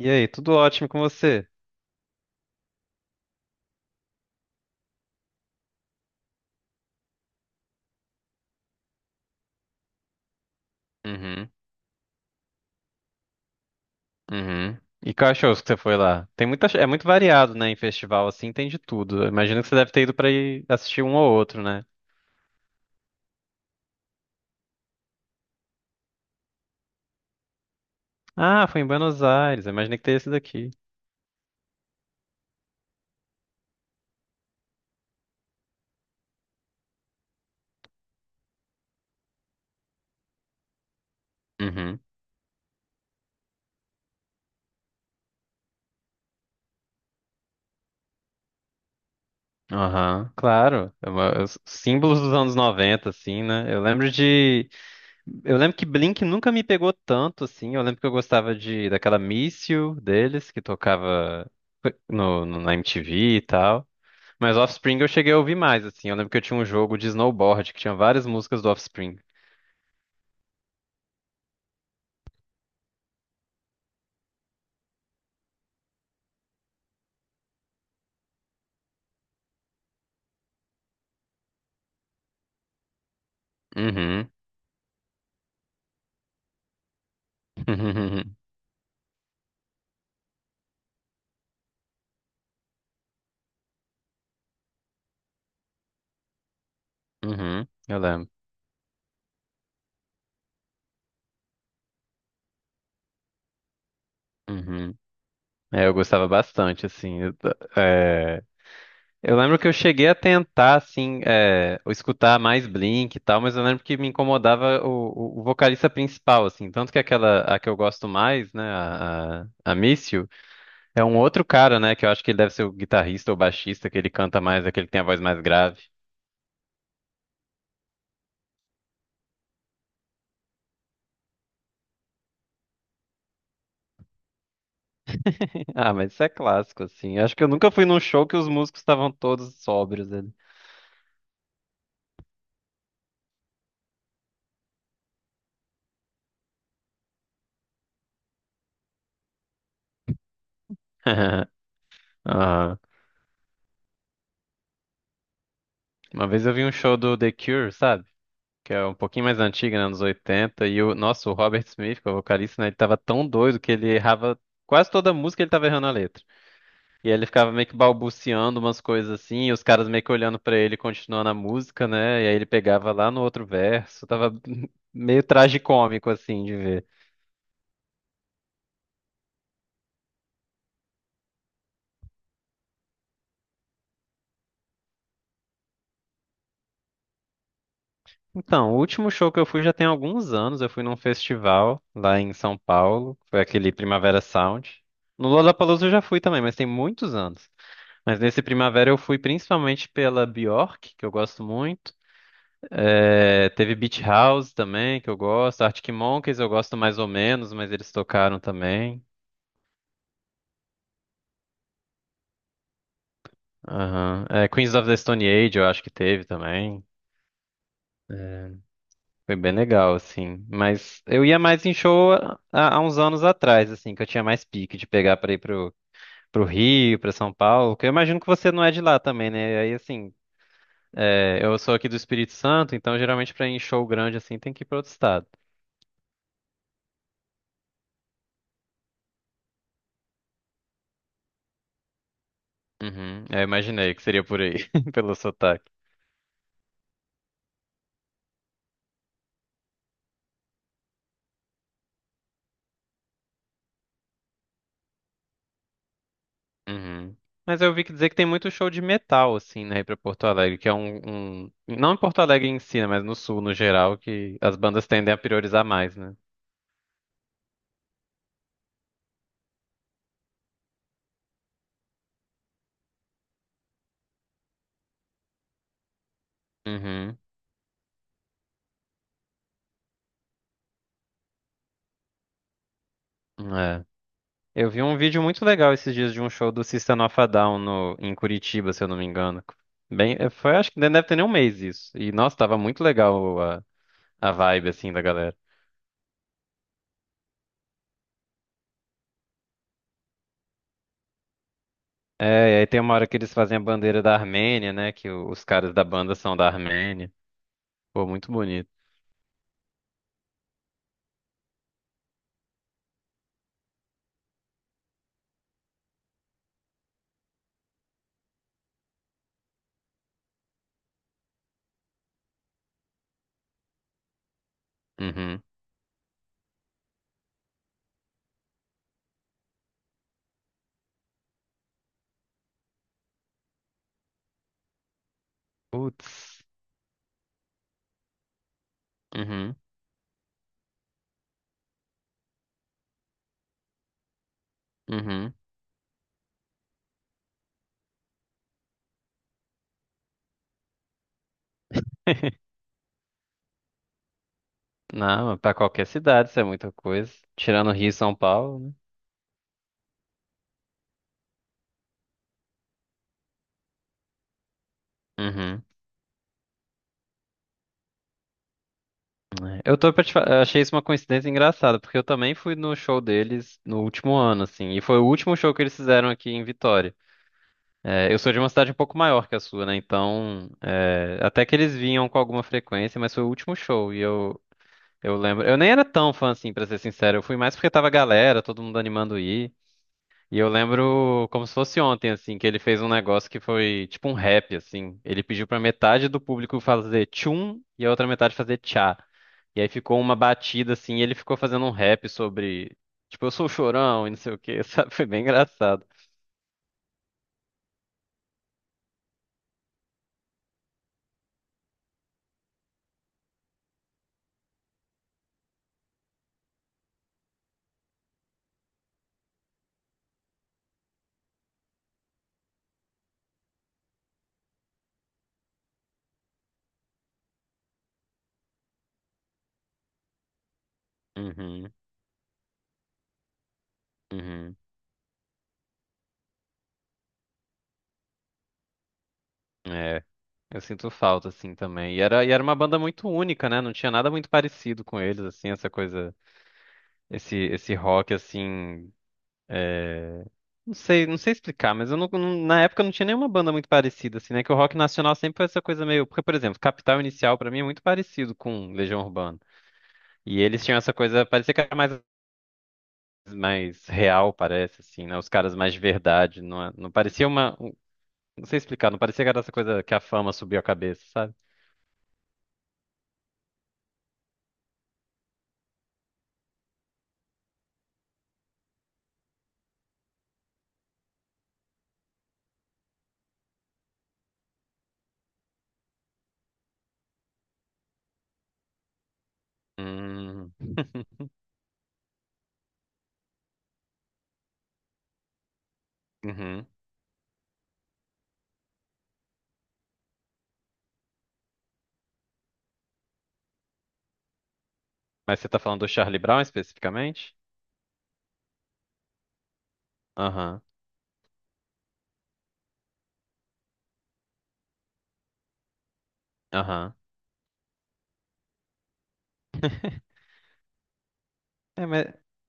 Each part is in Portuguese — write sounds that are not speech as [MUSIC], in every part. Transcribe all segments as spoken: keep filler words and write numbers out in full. E aí, tudo ótimo com você? Uhum, uhum. E cachorros que você foi lá? Tem muita, é muito variado, né? Em festival assim, tem de tudo. Eu imagino que você deve ter ido pra ir assistir um ou outro, né? Ah, foi em Buenos Aires. Eu imaginei que teria esse daqui. Uhum. Aham. Claro, é uma- é os símbolos dos anos noventa, assim, né? Eu lembro de. Eu lembro que Blink nunca me pegou tanto, assim. Eu lembro que eu gostava de daquela Miss You deles, que tocava no, no- na M T V e tal. Mas Offspring eu cheguei a ouvir mais, assim. Eu lembro que eu tinha um jogo de snowboard que tinha várias músicas do Offspring. Uhum. [LAUGHS] Uhum. Eu lembro. Uhum. É, eu gostava bastante, assim. Eu, é, eu lembro que eu cheguei a tentar, assim, é, escutar mais Blink e tal, mas eu lembro que me incomodava o, o, o vocalista principal, assim. Tanto que aquela, a que eu gosto mais, né, a, a, a Miss You, é um outro cara, né, que eu acho que ele deve ser o guitarrista ou baixista, que ele canta mais, é que ele tem a voz mais grave. [LAUGHS] Ah, mas isso é clássico, assim. Acho que eu nunca fui num show que os músicos estavam todos sóbrios ali. [LAUGHS] Ah, uma vez eu vi um show do The Cure, sabe? Que é um pouquinho mais antigo, né? Anos oitenta. E o nosso o Robert Smith, que é o vocalista, né? Ele tava tão doido que ele errava quase toda a música, ele tava errando a letra. E aí ele ficava meio que balbuciando umas coisas assim, e os caras meio que olhando pra ele, e continuando a música, né? E aí ele pegava lá no outro verso. Tava [LAUGHS] meio tragicômico, assim, de ver. Então, o último show que eu fui já tem alguns anos. Eu fui num festival lá em São Paulo. Foi aquele Primavera Sound. No Lollapalooza eu já fui também, mas tem muitos anos. Mas nesse Primavera eu fui principalmente pela Bjork, que eu gosto muito. É, teve Beach House também, que eu gosto. Arctic Monkeys eu gosto mais ou menos, mas eles tocaram também. Aham. É, Queens of the Stone Age eu acho que teve também. Foi bem legal, assim. Mas eu ia mais em show há, há uns anos atrás, assim, que eu tinha mais pique de pegar pra ir pro, pro Rio, pra São Paulo. Que eu imagino que você não é de lá também, né? Aí, assim, é, eu sou aqui do Espírito Santo, então geralmente pra ir em show grande, assim, tem que ir pra outro estado. Uhum, eu imaginei que seria por aí, [LAUGHS] pelo sotaque. Uhum. Mas eu vi que dizer que tem muito show de metal, assim, né, aí pra Porto Alegre, que é um, um- não em Porto Alegre em si, né, mas no sul, no geral, que as bandas tendem a priorizar mais, né? Uhum. Eu vi um vídeo muito legal esses dias de um show do System of a Down no, em Curitiba, se eu não me engano. Bem, eh, foi, acho que nem deve ter nem um mês isso. E, nossa, tava muito legal a, a vibe, assim, da galera. É, e aí tem uma hora que eles fazem a bandeira da Armênia, né? Que o- os caras da banda são da Armênia. Pô, muito bonito. Uhum. Putz. Uhum. Uhum. [LAUGHS] Não, pra qualquer cidade isso é muita coisa. Tirando Rio e São Paulo, né? Uhum. É, eu tô pra te fa- achei isso uma coincidência engraçada, porque eu também fui no show deles no último ano, assim, e foi o último show que eles fizeram aqui em Vitória. É, eu sou de uma cidade um pouco maior que a sua, né? Então, é, até que eles vinham com alguma frequência, mas foi o último show, e eu, eu lembro. Eu nem era tão fã, assim, pra ser sincero, eu fui mais porque tava a galera, todo mundo animando ir. E eu lembro como se fosse ontem, assim, que ele fez um negócio que foi tipo um rap, assim. Ele pediu pra metade do público fazer tchum e a outra metade fazer tchá. E aí ficou uma batida, assim, e ele ficou fazendo um rap sobre, tipo, eu sou o chorão e não sei o quê, [LAUGHS] sabe? Foi bem engraçado. Uhum, uhum. É, eu sinto falta, assim, também. E era, e era uma banda muito única, né? Não tinha nada muito parecido com eles, assim, essa coisa, esse, esse rock, assim. É, não sei, não sei explicar, mas eu não, não- na época não tinha nenhuma banda muito parecida, assim, né? Que o rock nacional sempre foi essa coisa meio. Porque, por exemplo, Capital Inicial pra mim é muito parecido com Legião Urbana. E eles tinham essa coisa, parecia que era mais, mais real, parece, assim, né? Os caras mais de verdade. Não, é- não parecia uma. um- Não sei explicar, não parecia que era essa coisa que a fama subiu a cabeça, sabe? Hum. [LAUGHS] Uhum. Mas você tá falando do Charlie Brown especificamente? Aham, aham. É, mas,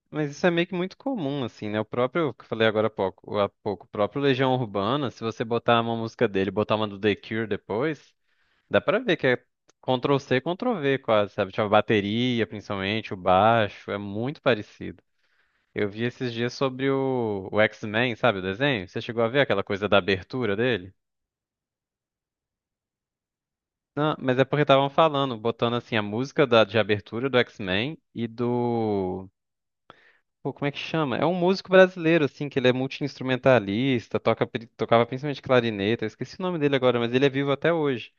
mas isso é meio que muito comum, assim, né? O próprio, que eu falei agora há pouco, há pouco, o próprio Legião Urbana, se você botar uma música dele, e botar uma do The Cure depois, dá pra ver que é Ctrl-C, Ctrl-V quase, sabe? Tipo, a bateria, principalmente, o baixo, é muito parecido. Eu vi esses dias sobre o, o X-Men, sabe, o desenho? Você chegou a ver aquela coisa da abertura dele? Não, mas é porque estavam falando, botando assim a música da, de abertura do X-Men e do pô, como é que chama? É um músico brasileiro, assim, que ele é multi-instrumentalista, toca, pri- tocava principalmente clarineta, eu esqueci o nome dele agora, mas ele é vivo até hoje.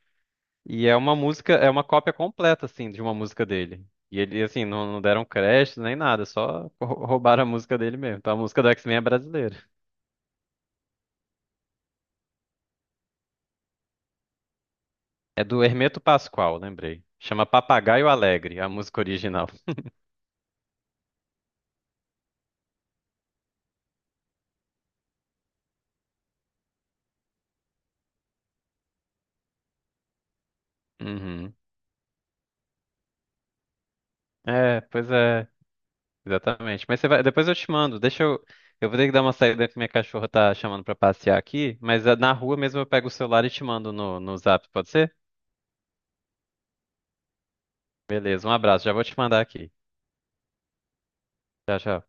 E é uma música, é uma cópia completa, assim, de uma música dele. E ele, assim, não, não deram crédito nem nada, só rou- roubaram a música dele mesmo. Então a música do X-Men é brasileira. É do Hermeto Pascoal, lembrei. Chama Papagaio Alegre, a música original. Uhum. É, pois é. Exatamente. Mas você vai, depois eu te mando. Deixa eu. Eu vou ter que dar uma saída que minha cachorra tá chamando pra passear aqui, mas ah, na rua mesmo eu pego o celular e te mando no, no Zap, pode ser? Beleza, um abraço. Já vou te mandar aqui. Tchau, tchau.